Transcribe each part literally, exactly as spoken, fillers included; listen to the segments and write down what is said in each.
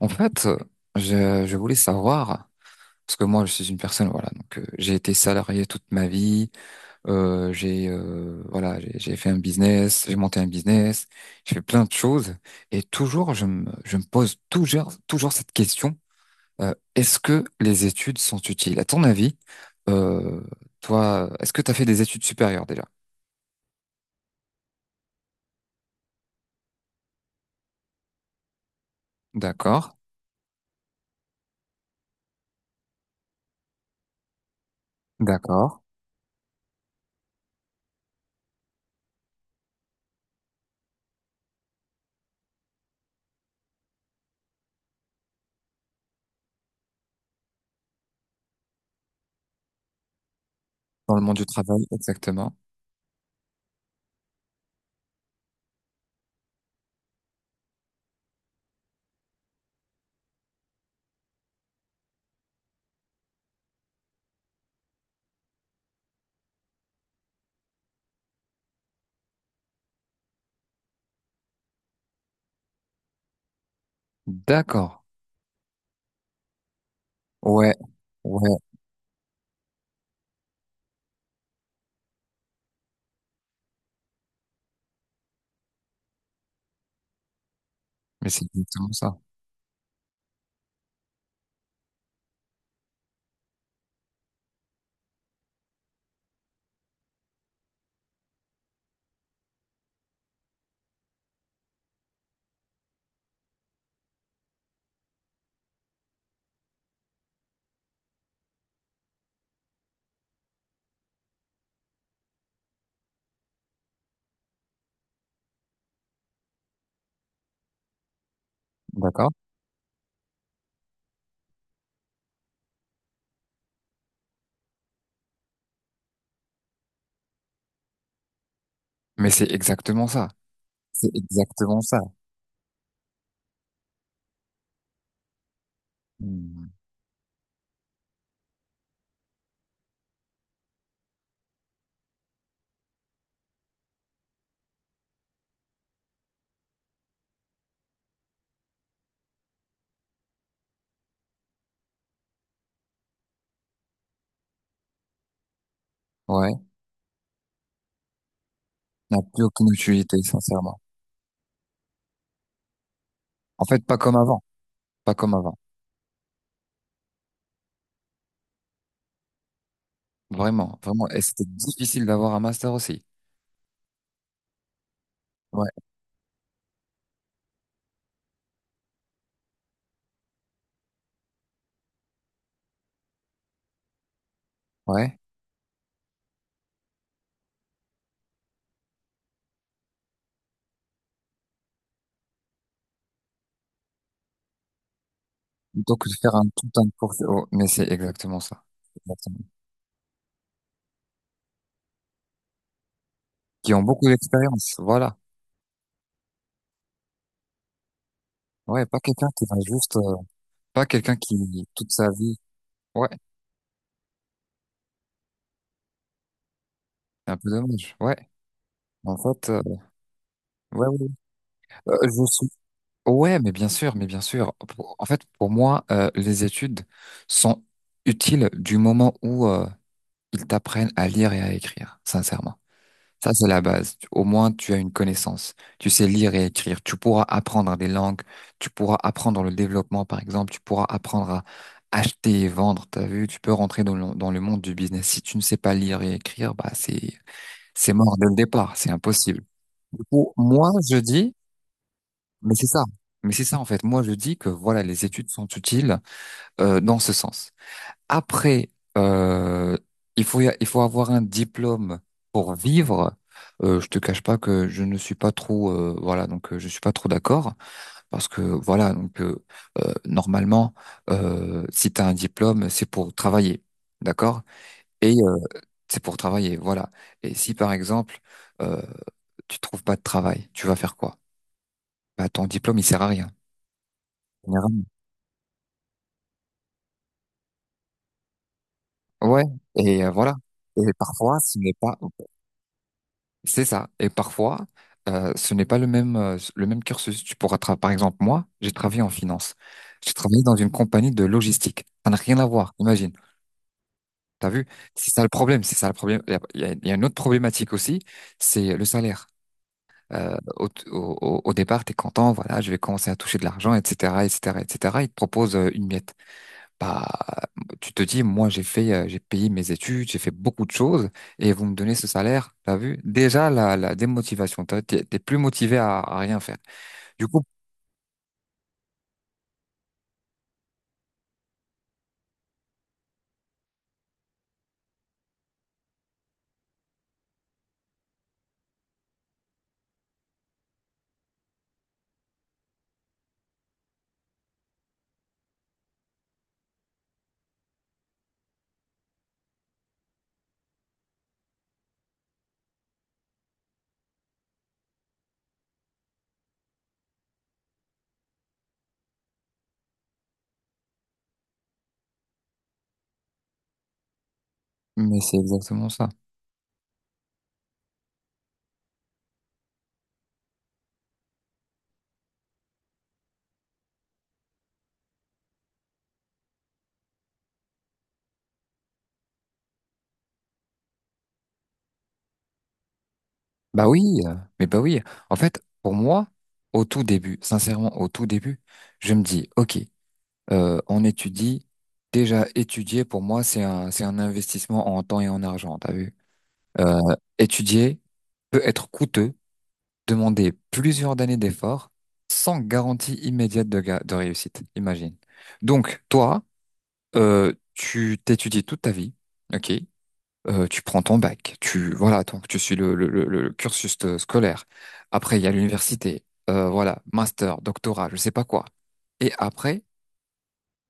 En fait, je, je voulais savoir, parce que moi, je suis une personne, voilà, donc euh, j'ai été salarié toute ma vie, euh, j'ai euh, voilà, j'ai j'ai fait un business, j'ai monté un business, j'ai fait plein de choses, et toujours, je me, je me pose toujours, toujours cette question, euh, est-ce que les études sont utiles? À ton avis, euh, toi, est-ce que tu as fait des études supérieures déjà? D'accord, d'accord. Dans le monde du travail, exactement. D'accord. Ouais, ouais, mais c'est exactement ça. D'accord. Mais c'est exactement ça. C'est exactement ça. Hmm. Ouais, n'a plus aucune utilité, sincèrement. En fait, pas comme avant. Pas comme avant. Vraiment, vraiment. Et c'était difficile d'avoir un master aussi. Ouais, ouais. Plutôt que de faire un tout un cours. Oh, mais c'est exactement ça. Exactement. Qui ont beaucoup d'expérience. Voilà. Ouais, pas quelqu'un qui va juste, euh, pas quelqu'un qui, toute sa vie. Ouais, c'est un peu dommage. Ouais. En fait, euh, ouais, ouais. Euh, je suis Ouais, mais bien sûr, mais bien sûr. Pour- En fait, pour moi, euh, les études sont utiles du moment où euh, ils t'apprennent à lire et à écrire, sincèrement. Ça, c'est la base. Tu- Au moins, tu as une connaissance. Tu sais lire et écrire. Tu pourras apprendre des langues. Tu pourras apprendre le développement, par exemple. Tu pourras apprendre à acheter et vendre. T'as vu, tu peux rentrer dans le, dans le monde du business. Si tu ne sais pas lire et écrire, bah, c'est, c'est mort dès le départ. C'est impossible. Du coup, moi, je dis, mais c'est ça. Mais c'est ça en fait. Moi, je dis que voilà, les études sont utiles euh, dans ce sens. Après, euh, il faut y a- il faut avoir un diplôme pour vivre. Euh, je te cache pas que je ne suis pas trop euh, voilà, donc euh, je suis pas trop d'accord parce que voilà, donc euh, euh, normalement, euh, si tu as un diplôme c'est pour travailler, d'accord? Et euh, c'est pour travailler, voilà. Et si par exemple euh, tu trouves pas de travail, tu vas faire quoi? Bah ton diplôme il sert à rien. Ouais, et euh, voilà. Et parfois, ce n'est pas, c'est ça. Et parfois, euh, ce n'est pas le même, euh, le même cursus. Tu pourras, tra- par exemple, moi, j'ai travaillé en finance. J'ai travaillé dans une compagnie de logistique. Ça n'a rien à voir, imagine. T'as vu? C'est ça le problème. C'est ça le problème. Il y a, il y a- il y a une autre problématique aussi, c'est le salaire. Euh, au, au, au départ, t'es content, voilà, je vais commencer à toucher de l'argent, et cetera, et cetera, et cetera. Ils te proposent euh, une miette. Bah, tu te dis, moi, j'ai fait, euh, j'ai payé mes études, j'ai fait beaucoup de choses, et vous me donnez ce salaire, t'as vu? Déjà, la, la démotivation, t'as- t'es t'es plus motivé à, à rien faire. Du coup, mais c'est exactement ça. Bah oui, euh, mais bah oui. En fait, pour moi, au tout début, sincèrement, au tout début, je me dis, ok, euh, on étudie. Déjà, étudier, pour moi, c'est un, c'est un investissement en temps et en argent, t'as vu? Euh, étudier peut être coûteux demander plusieurs années d'efforts sans garantie immédiate de, ga- de réussite, imagine. Donc, toi, euh, tu t'étudies toute ta vie, ok? Euh, tu prends ton bac, tu voilà, donc tu suis le, le, le- le cursus euh, scolaire. Après, il y a l'université, euh, voilà, master, doctorat, je sais pas quoi. Et après,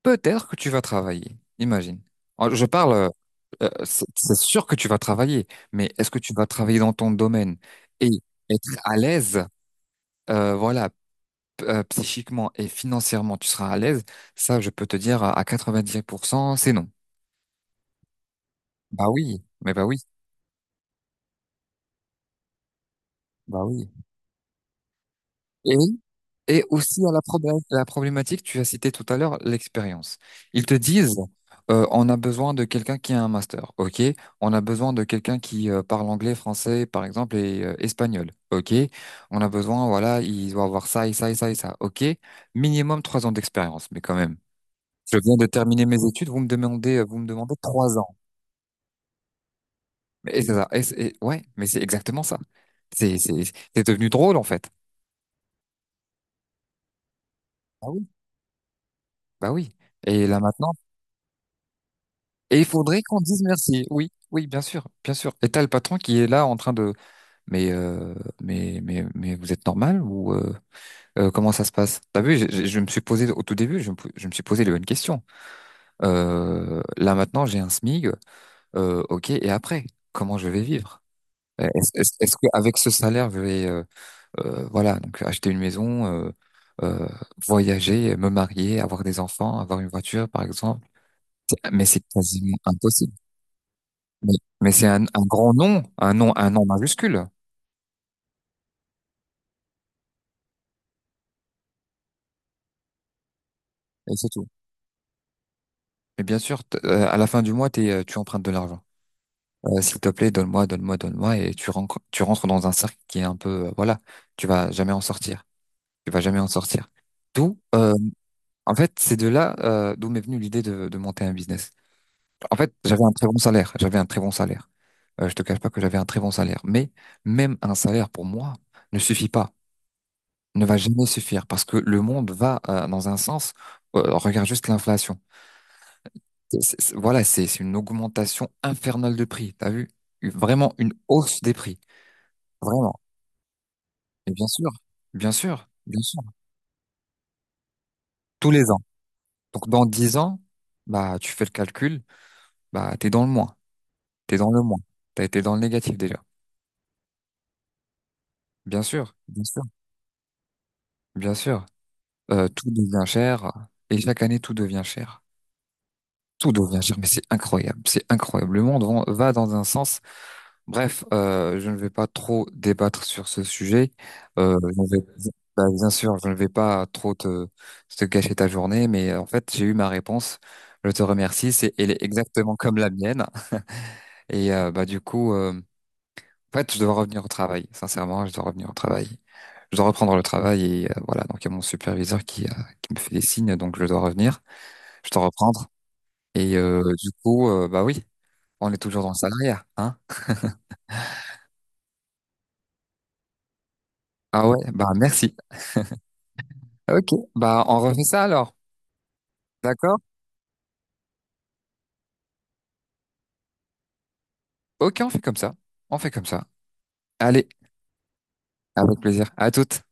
peut-être que tu vas travailler, imagine. Alors, Je parle, euh, euh, c'est c'est sûr que tu vas travailler, mais est-ce que tu vas travailler dans ton domaine et être à l'aise? Euh, voilà, euh, psychiquement et financièrement tu seras à l'aise, ça je peux te dire à quatre-vingt-dix pour cent c'est non. Bah oui, mais bah oui, bah oui. Et, oui, et aussi à la, probé- la problématique, tu as cité tout à l'heure l'expérience. Ils te disent, euh, on a besoin de quelqu'un qui a un master, ok? On a besoin de quelqu'un qui euh, parle anglais, français, par exemple, et euh, espagnol, ok? On a besoin, voilà, il doit avoir ça et ça et ça et ça, ok? Minimum trois ans d'expérience, mais quand même. Je viens de terminer mes études, vous me demandez, vous me demandez trois ans. Et c'est ça. Et c'est- et- ouais, mais c'est exactement ça. C'est, c'est, c'est devenu drôle, en fait. Ah oui. Bah oui. Et là maintenant, et il faudrait qu'on dise merci. Oui, oui, bien sûr, bien sûr. Et t'as le patron qui est là en train de, mais, euh, mais, mais, mais vous êtes normal ou euh, euh, comment ça se passe? T'as vu, je, je- je me suis posé au tout début, je me, je me suis posé les bonnes questions. Euh, là maintenant, j'ai un SMIG. euh, ok, et après, comment je vais vivre? Euh, Est-ce, est-ce est-ce que avec ce salaire, je vais, euh, Euh, voilà, donc acheter une maison, euh, euh, voyager, me marier, avoir des enfants, avoir une voiture, par exemple. C'est- Mais c'est quasiment impossible. Mais, mais c'est un, un grand nom, un nom, un nom majuscule, et c'est tout. Et bien sûr, t- euh, à la fin du mois, t'es, euh, tu empruntes de l'argent. Euh, s'il te plaît, donne-moi, donne-moi, donne-moi, et tu rentres, tu rentres dans un cercle qui est un peu, euh, voilà, tu vas jamais en sortir. Tu vas jamais en sortir. D'où, euh, En fait, c'est de là, euh, d'où m'est venue l'idée de, de monter un business. En fait, j'avais un très bon salaire. J'avais un très bon salaire. Euh, je te cache pas que j'avais un très bon salaire. Mais même un salaire pour moi ne suffit pas, ne va jamais suffire parce que le monde va euh, dans un sens. Euh, regarde juste l'inflation. C'est- c'est- c'est- voilà, c'est c'est une augmentation infernale de prix. T'as vu? Une- Vraiment une hausse des prix. Vraiment. Et bien sûr, bien sûr, bien sûr. Tous les ans. Donc dans dix ans, bah tu fais le calcul, bah t'es dans le moins. T'es dans le moins. T'as été dans le négatif déjà. Bien sûr, bien sûr, bien sûr. Euh, tout devient cher et chaque année tout devient cher. Tout devient cher, mais c'est incroyable, c'est incroyable. Le monde va va dans un sens. Bref, euh, je ne vais pas trop débattre sur ce sujet. Euh, je ne vais- Bah, bien sûr, je ne vais pas trop te, te gâcher ta journée, mais euh, en fait, j'ai eu ma réponse. Je te remercie. C'est, elle est exactement comme la mienne. Et euh, bah du coup, euh, en fait, je dois revenir au travail. Sincèrement, je dois revenir au travail. Je dois reprendre le travail et euh, voilà. Donc il y a mon superviseur qui, euh, qui me fait des signes, donc je dois revenir. Je t'en reprendre. Et euh, du coup, euh, bah oui, on est toujours dans le salariat, hein? Ah ouais, bah merci. Ok, bah on refait ça alors. D'accord? Ok, on fait comme ça. On fait comme ça. Allez, avec plaisir. À toutes.